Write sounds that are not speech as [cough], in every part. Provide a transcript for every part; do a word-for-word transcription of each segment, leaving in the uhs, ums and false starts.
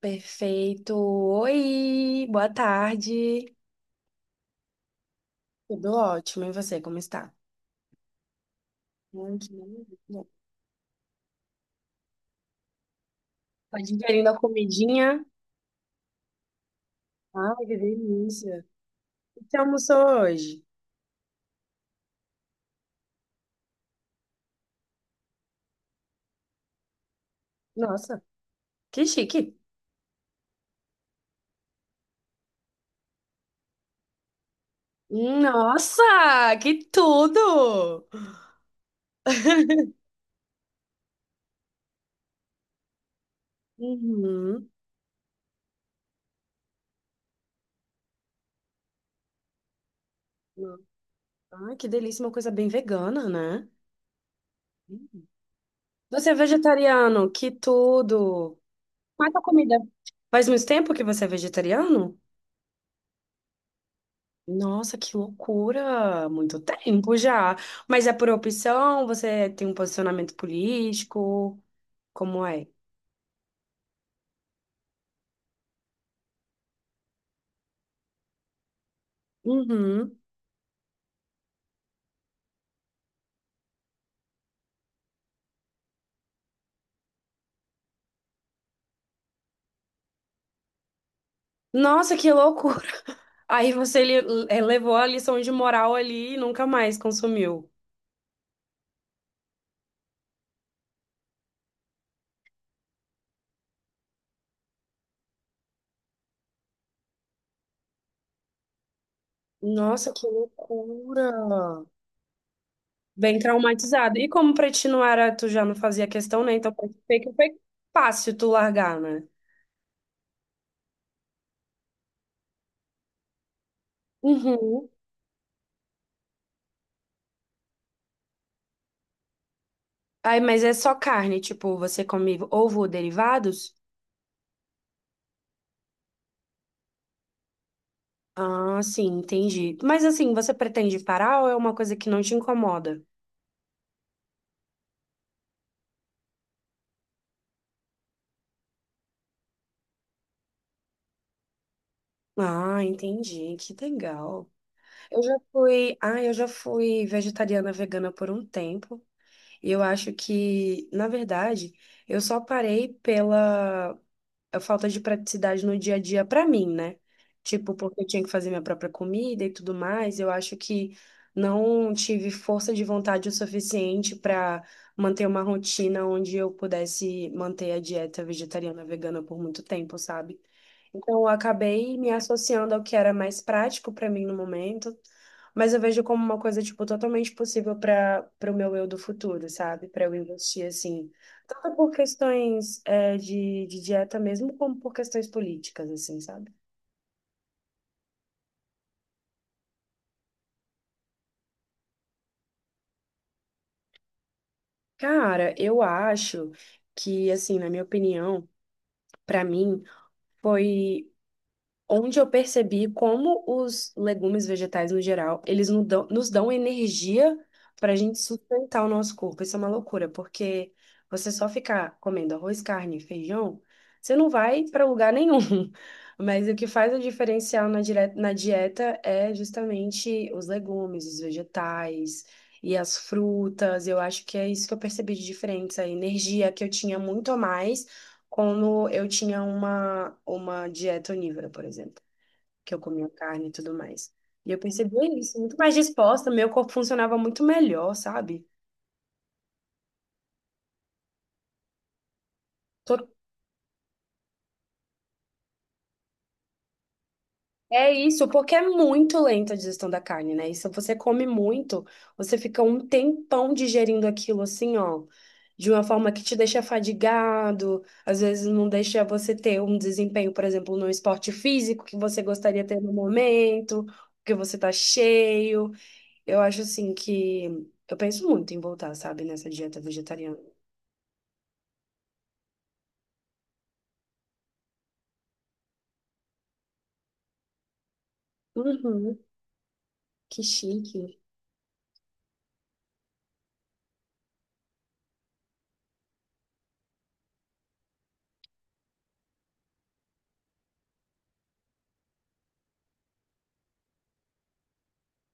Perfeito. Oi, boa tarde. Tudo ótimo. E você, como está? Ai, que maravilha. Tá digerindo a comidinha? Ai, que delícia. O que você almoçou hoje? Nossa, que chique. Nossa, que tudo! Uhum. Ai, que delícia, uma coisa bem vegana, né? Você é vegetariano, que tudo! Mas a comida. Faz muito tempo que você é vegetariano? Nossa, que loucura! Muito tempo já. Mas é por opção? Você tem um posicionamento político? Como é? Uhum. Nossa, que loucura! [laughs] Aí você le- eh, levou a lição de moral ali e nunca mais consumiu. Nossa, que loucura! Bem traumatizado. E como pra ti não era, tu já não fazia questão, né? Então pra ti foi que foi fácil tu largar, né? Uhum. Aí, mas é só carne, tipo, você come ovo ou derivados? Ah, sim, entendi. Mas assim, você pretende parar ou é uma coisa que não te incomoda? Ah, entendi. Que legal. Eu já fui, ah, eu já fui vegetariana vegana por um tempo. E eu acho que, na verdade, eu só parei pela a falta de praticidade no dia a dia pra mim, né? Tipo, porque eu tinha que fazer minha própria comida e tudo mais, eu acho que não tive força de vontade o suficiente para manter uma rotina onde eu pudesse manter a dieta vegetariana vegana por muito tempo, sabe? Então, eu acabei me associando ao que era mais prático para mim no momento, mas eu vejo como uma coisa, tipo, totalmente possível para para o meu eu do futuro, sabe? Para eu investir, assim, tanto por questões é, de, de dieta mesmo, como por questões políticas, assim, sabe? Cara, eu acho que, assim, na minha opinião, para mim, foi. Onde eu percebi como os legumes vegetais no geral, eles nos dão, nos dão energia para a gente sustentar o nosso corpo. Isso é uma loucura, porque você só ficar comendo arroz, carne, e feijão, você não vai para lugar nenhum. [laughs] Mas o que faz o diferencial na, dire- na dieta é justamente os legumes, os vegetais e as frutas. Eu acho que é isso que eu percebi de diferença, a energia que eu tinha muito a mais como eu tinha uma, uma dieta onívora, por exemplo, que eu comia carne e tudo mais. E eu percebia isso, muito mais disposta, meu corpo funcionava muito melhor, sabe? Tô- É isso, porque é muito lenta a digestão da carne, né? E se você come muito, você fica um tempão digerindo aquilo assim, ó, de uma forma que te deixa fadigado, às vezes não deixa você ter um desempenho, por exemplo, no esporte físico que você gostaria de ter no momento, porque você tá cheio. Eu acho assim que eu penso muito em voltar, sabe, nessa dieta vegetariana. Uhum, que chique.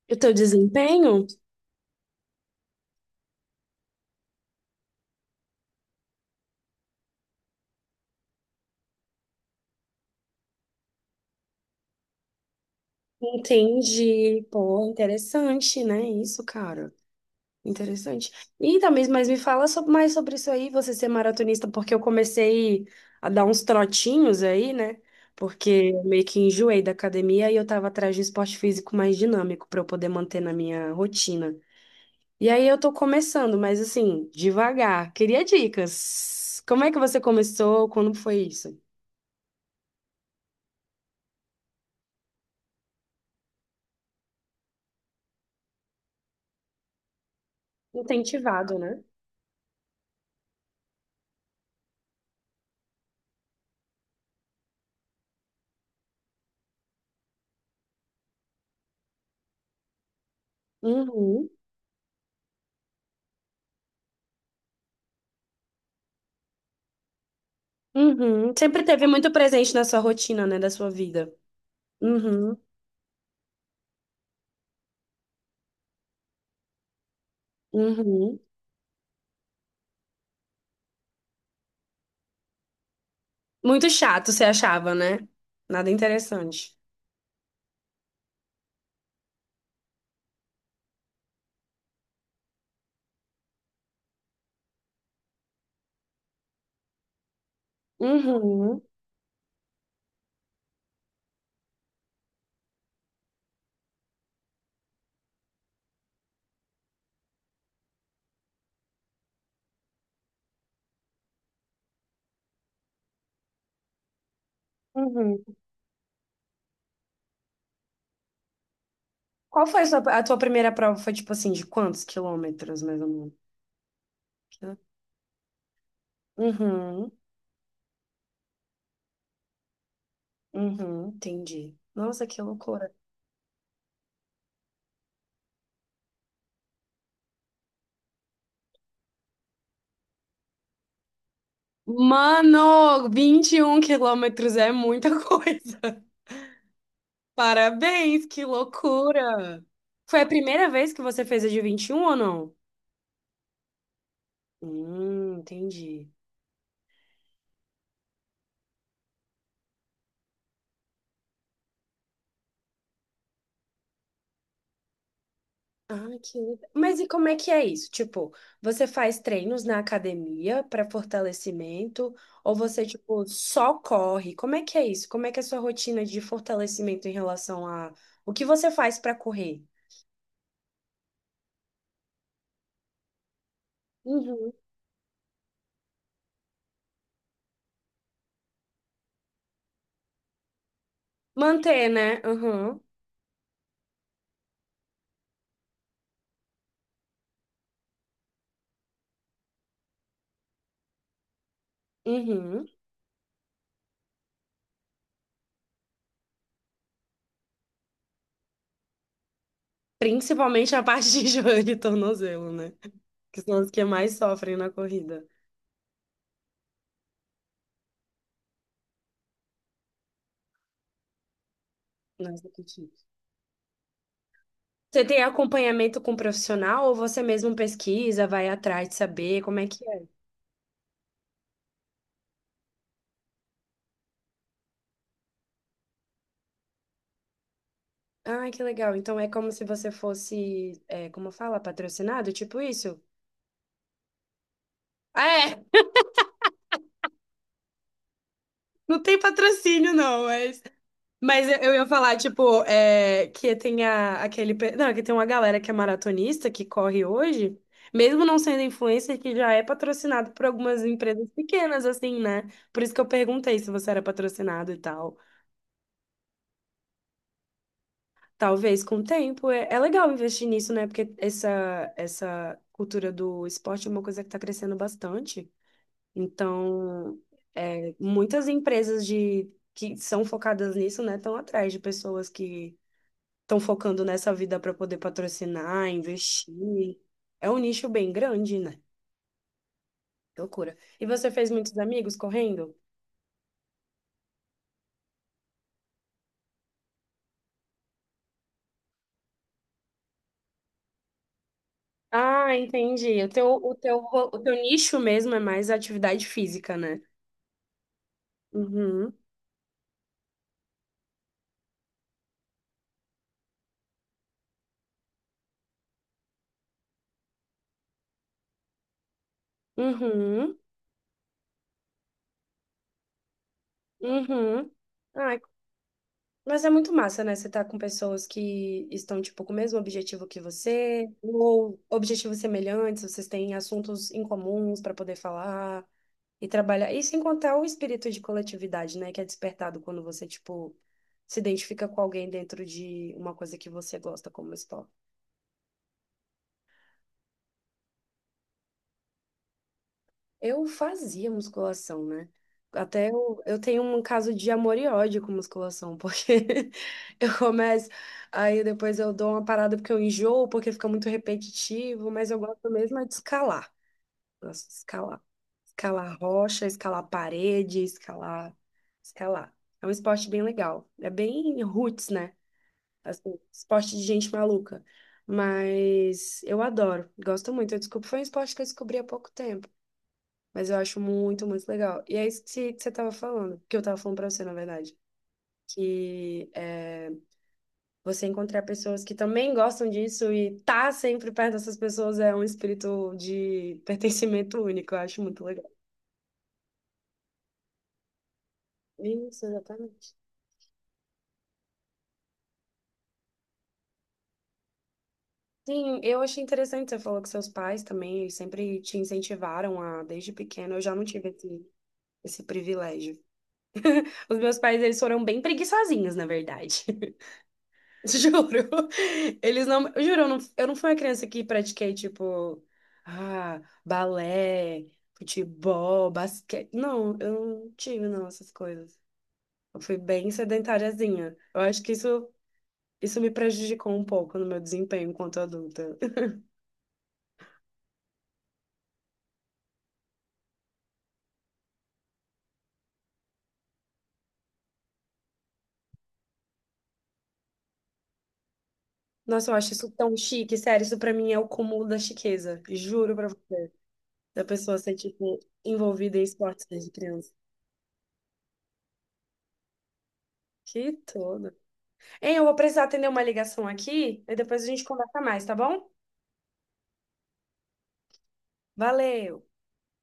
E o teu desempenho? Entendi. Pô, interessante, né? Isso, cara. Interessante. E também, mas me fala so- mais sobre isso aí, você ser maratonista, porque eu comecei a dar uns trotinhos aí, né? Porque eu meio que enjoei da academia e eu tava atrás de um esporte físico mais dinâmico para eu poder manter na minha rotina. E aí eu tô começando, mas assim, devagar. Queria dicas. Como é que você começou? Quando foi isso? Incentivado, né? Uhum. Uhum. Sempre teve muito presente na sua rotina, né, da sua vida. Uhum. Uhum. Muito chato, você achava, né? Nada interessante. Uhum. Uhum. Qual foi a sua, a tua primeira prova? Foi tipo assim, de quantos quilômetros, mais ou menos? Uhum. Uhum. Entendi. Nossa, que loucura. Mano, vinte e um quilômetros é muita coisa. [laughs] Parabéns, que loucura! Foi a primeira vez que você fez a de vinte e um ou não? Hum, entendi. Ah, que legal. Mas e como é que é isso? Tipo, você faz treinos na academia para fortalecimento ou você, tipo, só corre? Como é que é isso? Como é que é a sua rotina de fortalecimento em relação a o que você faz para correr? Uhum. Manter, né? Uhum. Uhum. Principalmente a parte de [laughs] joelho e tornozelo, né? Que são as que mais sofrem na corrida. Nossa, que chique. Você tem acompanhamento com profissional ou você mesmo pesquisa, vai atrás de saber como é que é? Ah, que legal. Então é como se você fosse, é, como fala, patrocinado, tipo isso? Ah, é, não tem patrocínio, não. É Mas eu eu ia falar, tipo, é, que tem a, aquele. pe- Não, que tem uma galera que é maratonista, que corre hoje, mesmo não sendo influencer, que já é patrocinado por algumas empresas pequenas, assim, né? Por isso que eu perguntei se você era patrocinado e tal. Talvez com o tempo. É, é legal investir nisso, né? Porque essa, essa cultura do esporte é uma coisa que tá crescendo bastante. Então, é, muitas empresas de, que são focadas nisso, né, estão atrás de pessoas que estão focando nessa vida para poder patrocinar, investir. É um nicho bem grande, né? Que loucura. E você fez muitos amigos correndo? Ah, entendi. O teu, o teu, ro- o teu nicho mesmo é mais atividade física, né? Uhum, uhum, uhum. Ai, mas é muito massa, né? Você tá com pessoas que estão, tipo, com o mesmo objetivo que você, ou objetivos semelhantes, vocês têm assuntos em comuns para poder falar. E trabalhar. E sem contar o espírito de coletividade, né? Que é despertado quando você, tipo, se identifica com alguém dentro de uma coisa que você gosta como esporte. Eu fazia musculação, né? Até eu, eu tenho um caso de amor e ódio com musculação, porque [laughs] eu começo, aí depois eu dou uma parada porque eu enjoo, porque fica muito repetitivo, mas eu gosto mesmo é de escalar. Gosto de escalar. Escalar rocha, escalar parede, escalar, escalar. É um esporte bem legal. É bem roots, né? Assim, esporte de gente maluca. Mas eu adoro, gosto muito. Eu desculpa, foi um esporte que eu descobri há pouco tempo. Mas eu acho muito, muito legal. E é isso que você estava falando, que eu estava falando pra você, na verdade. Que é, você encontrar pessoas que também gostam disso e tá sempre perto dessas pessoas é um espírito de pertencimento único. Eu acho muito legal. Isso, exatamente. Sim, eu achei interessante, você falou que seus pais também, eles sempre te incentivaram a, desde pequeno, eu já não tive esse, esse privilégio. Os meus pais, eles foram bem preguiçosinhos, na verdade. [laughs] Juro. Eles não, eu juro, eu não, eu não fui uma criança que pratiquei, tipo, ah, balé, futebol, basquete. Não, eu não tive, não, essas coisas. Eu fui bem sedentariazinha. Eu acho que isso, isso me prejudicou um pouco no meu desempenho enquanto adulta. Nossa, eu acho isso tão chique, sério, isso pra mim é o cúmulo da chiqueza. Juro pra você, da pessoa ser, tipo, envolvida em esportes desde criança. Que tudo. Hein, eu vou precisar atender uma ligação aqui e depois a gente conversa mais, tá bom? Valeu!